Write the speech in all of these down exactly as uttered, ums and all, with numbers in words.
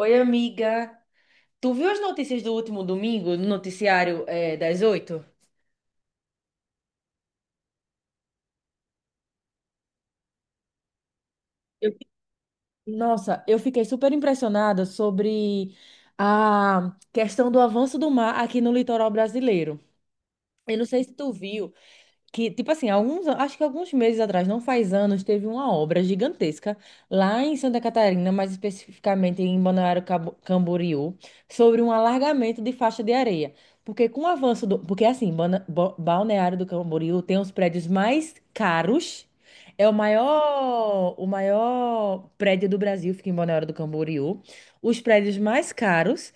Oi, amiga. Tu viu as notícias do último domingo no noticiário eh, das oito? Eu- Nossa, eu fiquei super impressionada sobre a questão do avanço do mar aqui no litoral brasileiro. Eu não sei se tu viu, que, tipo assim, alguns, an- acho que alguns meses atrás, não faz anos, teve uma obra gigantesca lá em Santa Catarina, mais especificamente em Balneário Cabo- Camboriú, sobre um alargamento de faixa de areia. Porque com o avanço do. Porque assim, Bana- Bo- Balneário do Camboriú tem os prédios mais caros. É o maior, o maior prédio do Brasil, fica em Balneário do Camboriú. Os prédios mais caros.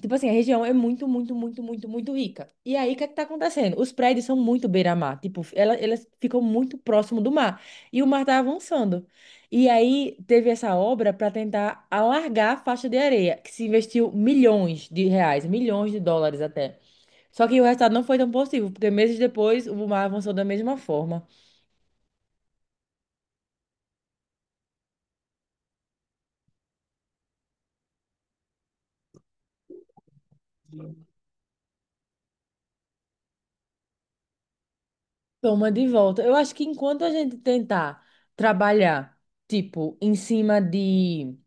Tipo assim, a região é muito, muito, muito, muito, muito rica. E aí, o que é que tá acontecendo? Os prédios são muito beira-mar. Tipo, ela, elas ficam muito próximo do mar. E o mar tá avançando. E aí, teve essa obra para tentar alargar a faixa de areia, que se investiu milhões de reais, milhões de dólares até. Só que o resultado não foi tão possível, porque meses depois o mar avançou da mesma forma. Toma de volta. Eu acho que enquanto a gente tentar trabalhar, tipo, em cima de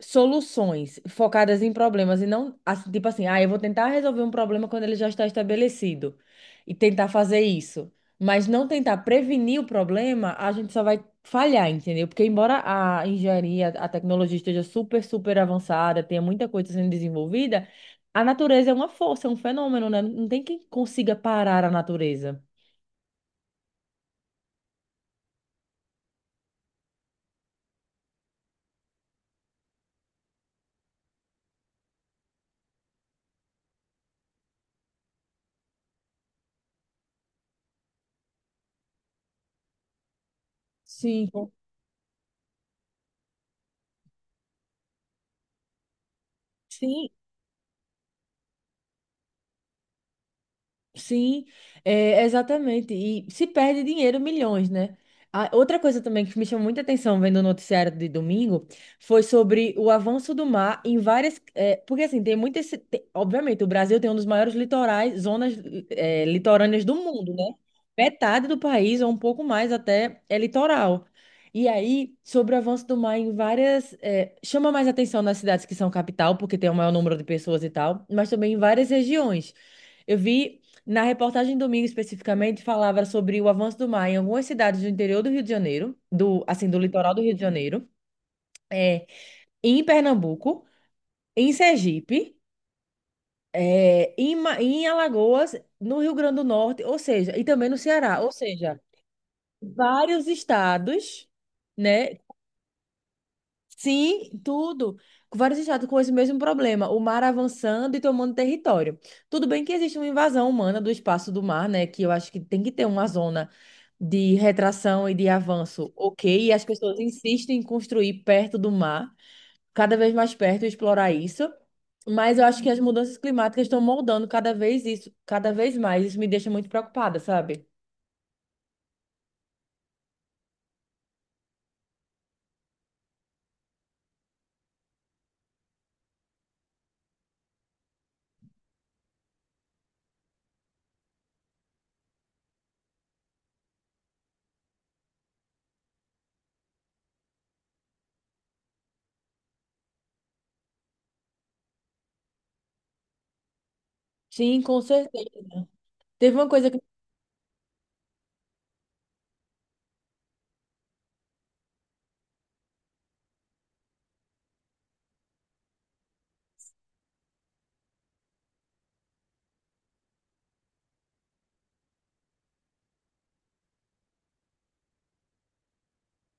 soluções focadas em problemas e não, assim, tipo assim, ah, eu vou tentar resolver um problema quando ele já está estabelecido e tentar fazer isso, mas não tentar prevenir o problema, a gente só vai falhar, entendeu? Porque embora a engenharia, a tecnologia esteja super, super avançada, tenha muita coisa sendo desenvolvida, a natureza é uma força, é um fenômeno, né? Não tem quem consiga parar a natureza. Sim, com- sim, sim, é, exatamente. E se perde dinheiro, milhões, né? A- outra coisa também que me chamou muita atenção vendo o noticiário de domingo foi sobre o avanço do mar em várias. É, porque, assim, tem muitas. Ci- te- obviamente, o Brasil tem um dos maiores litorais, zonas, é, litorâneas do mundo, né? Metade do país, ou um pouco mais até, é litoral. E aí, sobre o avanço do mar em várias. É, chama mais atenção nas cidades que são capital, porque tem o maior número de pessoas e tal, mas também em várias regiões. Eu vi na reportagem domingo especificamente falava sobre o avanço do mar em algumas cidades do interior do Rio de Janeiro, do assim do litoral do Rio de Janeiro, é, em Pernambuco, em Sergipe, é, em, Ma- em Alagoas, no Rio Grande do Norte, ou seja, e também no Ceará, ou seja, vários estados, né. Sim, tudo. Vários estados com esse mesmo problema, o mar avançando e tomando território. Tudo bem que existe uma invasão humana do espaço do mar, né? Que eu acho que tem que ter uma zona de retração e de avanço, ok? E as pessoas insistem em construir perto do mar, cada vez mais perto, e explorar isso. Mas eu acho que as mudanças climáticas estão moldando cada vez isso, cada vez mais. Isso me deixa muito preocupada, sabe? Sim, com certeza. Teve uma coisa que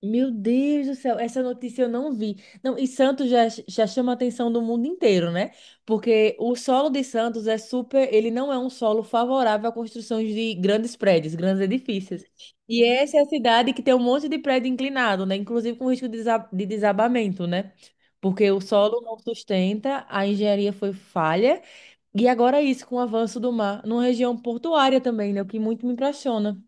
Meu Deus do céu, essa notícia eu não vi. Não, e Santos já, já chama a atenção do mundo inteiro, né? Porque o solo de Santos é super, ele não é um solo favorável à construção de grandes prédios, grandes edifícios. E essa é a cidade que tem um monte de prédio inclinado, né? Inclusive com risco de desa- de desabamento, né? Porque o solo não sustenta, a engenharia foi falha, e agora é isso com o avanço do mar, numa região portuária também, né? O que muito me impressiona.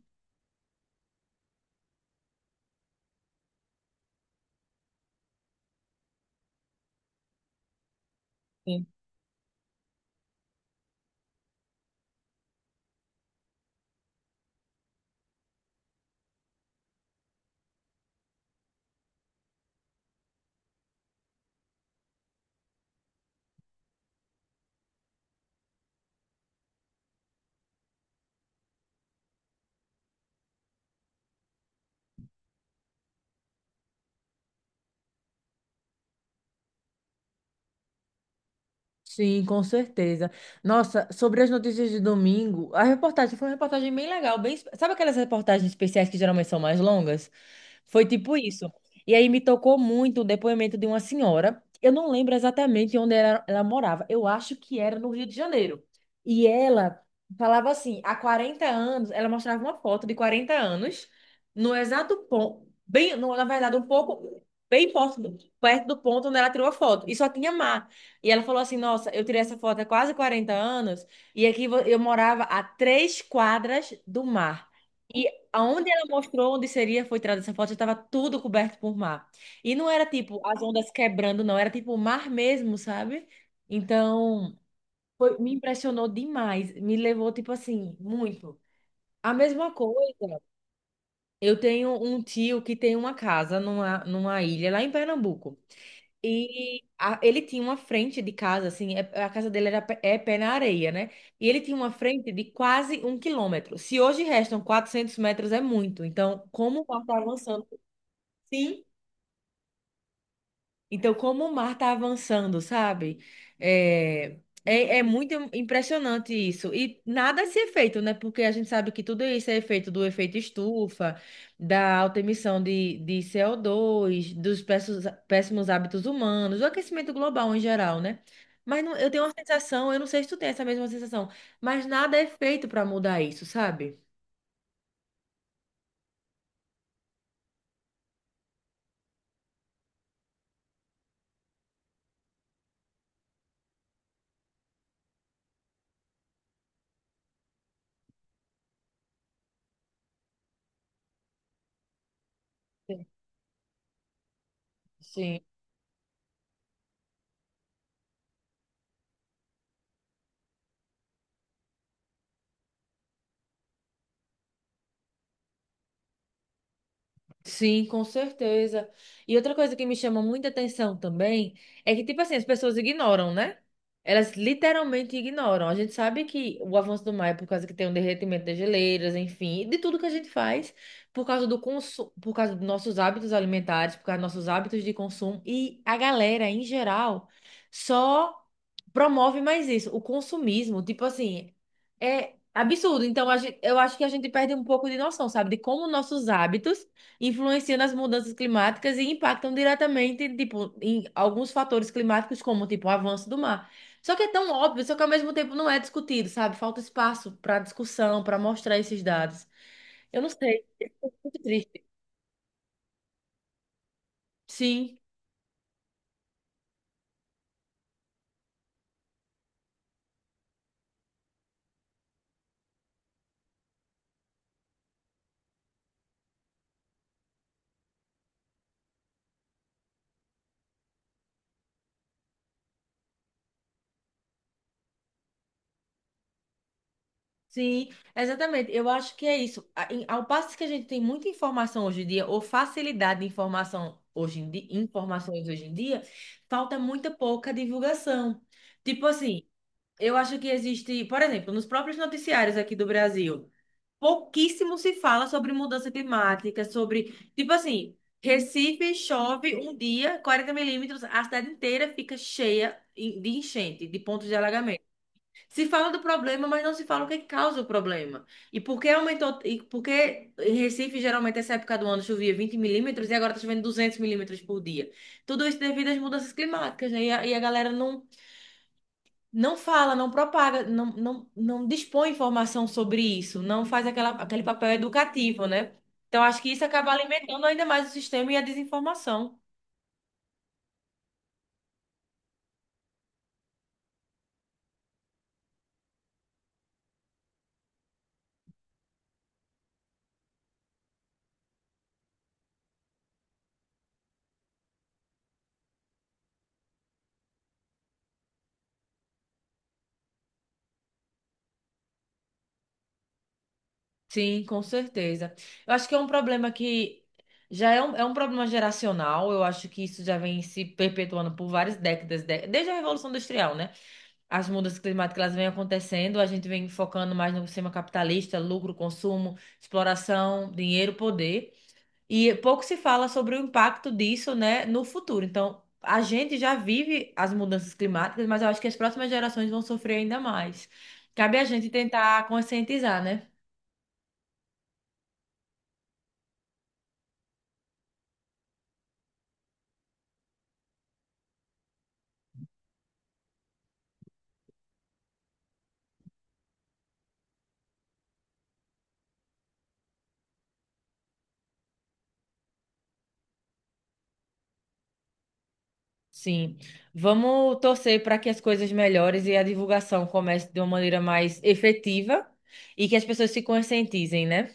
Sim, com certeza. Nossa, sobre as notícias de domingo, a reportagem foi uma reportagem bem legal, bem, sabe aquelas reportagens especiais que geralmente são mais longas? Foi tipo isso. E aí me tocou muito o depoimento de uma senhora. Eu não lembro exatamente onde ela, ela morava. Eu acho que era no Rio de Janeiro. E ela falava assim, há quarenta anos, ela mostrava uma foto de quarenta anos, no exato ponto, bem, no- na verdade, um pouco bem perto do, perto do ponto onde ela tirou a foto. E só tinha mar. E ela falou assim: Nossa, eu tirei essa foto há quase quarenta anos e aqui vo- eu morava a três quadras do mar. E aonde ela mostrou onde seria foi tirada essa foto, já estava tudo coberto por mar. E não era tipo as ondas quebrando, não, era tipo o mar mesmo, sabe? Então, foi- me impressionou demais, me levou tipo assim, muito. A mesma coisa, eu tenho um tio que tem uma casa numa, numa ilha lá em Pernambuco. E a- ele tinha uma frente de casa, assim, é- a casa dele era pé- é pé na areia, né? E ele tinha uma frente de quase um quilômetro. Se hoje restam quatrocentos metros, é muito. Então, como o mar está avançando? Sim. Então, como o mar está avançando, sabe? É, é, é muito impressionante isso. E nada se é feito, né? Porque a gente sabe que tudo isso é efeito do efeito estufa, da alta emissão de, de C O dois, dos péssimos, péssimos hábitos humanos, do aquecimento global em geral, né? Mas não- eu tenho uma sensação, eu não sei se tu tem essa mesma sensação, mas nada é feito para mudar isso, sabe? Sim. Sim, com certeza. E outra coisa que me chama muita atenção também é que, tipo assim, as pessoas ignoram, né? Elas literalmente ignoram. A gente sabe que o avanço do mar é por causa que tem um derretimento das geleiras, enfim, e de tudo que a gente faz, por causa do consumo, por causa dos nossos hábitos alimentares, por causa dos nossos hábitos de consumo. E a galera, em geral, só promove mais isso, o consumismo. Tipo assim, é absurdo. Então, a gente, eu acho que a gente perde um pouco de noção, sabe? De como nossos hábitos influenciam nas mudanças climáticas e impactam diretamente, tipo, em alguns fatores climáticos, como, tipo, o avanço do mar. Só que é tão óbvio, só que ao mesmo tempo não é discutido, sabe? Falta espaço para discussão, para mostrar esses dados. Eu não sei, muito triste. Sim, sim, exatamente. Eu acho que é isso. A- em- Ao passo que a gente tem muita informação hoje em dia, ou facilidade de informação hoje em dia, informações hoje em dia, falta muita pouca divulgação. Tipo assim, eu acho que existe, por exemplo, nos próprios noticiários aqui do Brasil, pouquíssimo se fala sobre mudança climática, sobre, tipo assim, Recife chove um dia, 40 milímetros, a cidade inteira fica cheia em- de enchente, de pontos de alagamento. Se fala do problema, mas não se fala o que causa o problema. E por que aumentou, e por que em Recife, geralmente, essa época do ano chovia 20 milímetros e agora está chovendo 200 milímetros por dia. Tudo isso devido às mudanças climáticas, né? E a, e a galera não não fala, não propaga, não, não, não dispõe informação sobre isso, não faz aquela, aquele papel educativo, né? Então, acho que isso acaba alimentando ainda mais o sistema e a desinformação. Sim, com certeza. Eu acho que é um problema que já é um, é um problema geracional, eu acho que isso já vem se perpetuando por várias décadas, dé- desde a Revolução Industrial, né? As mudanças climáticas elas vêm acontecendo, a gente vem focando mais no sistema capitalista, lucro, consumo, exploração, dinheiro, poder. E pouco se fala sobre o impacto disso, né, no futuro. Então, a gente já vive as mudanças climáticas, mas eu acho que as próximas gerações vão sofrer ainda mais. Cabe a gente tentar conscientizar, né? Sim. Vamos torcer para que as coisas melhores e a divulgação comece de uma maneira mais efetiva e que as pessoas se conscientizem, né?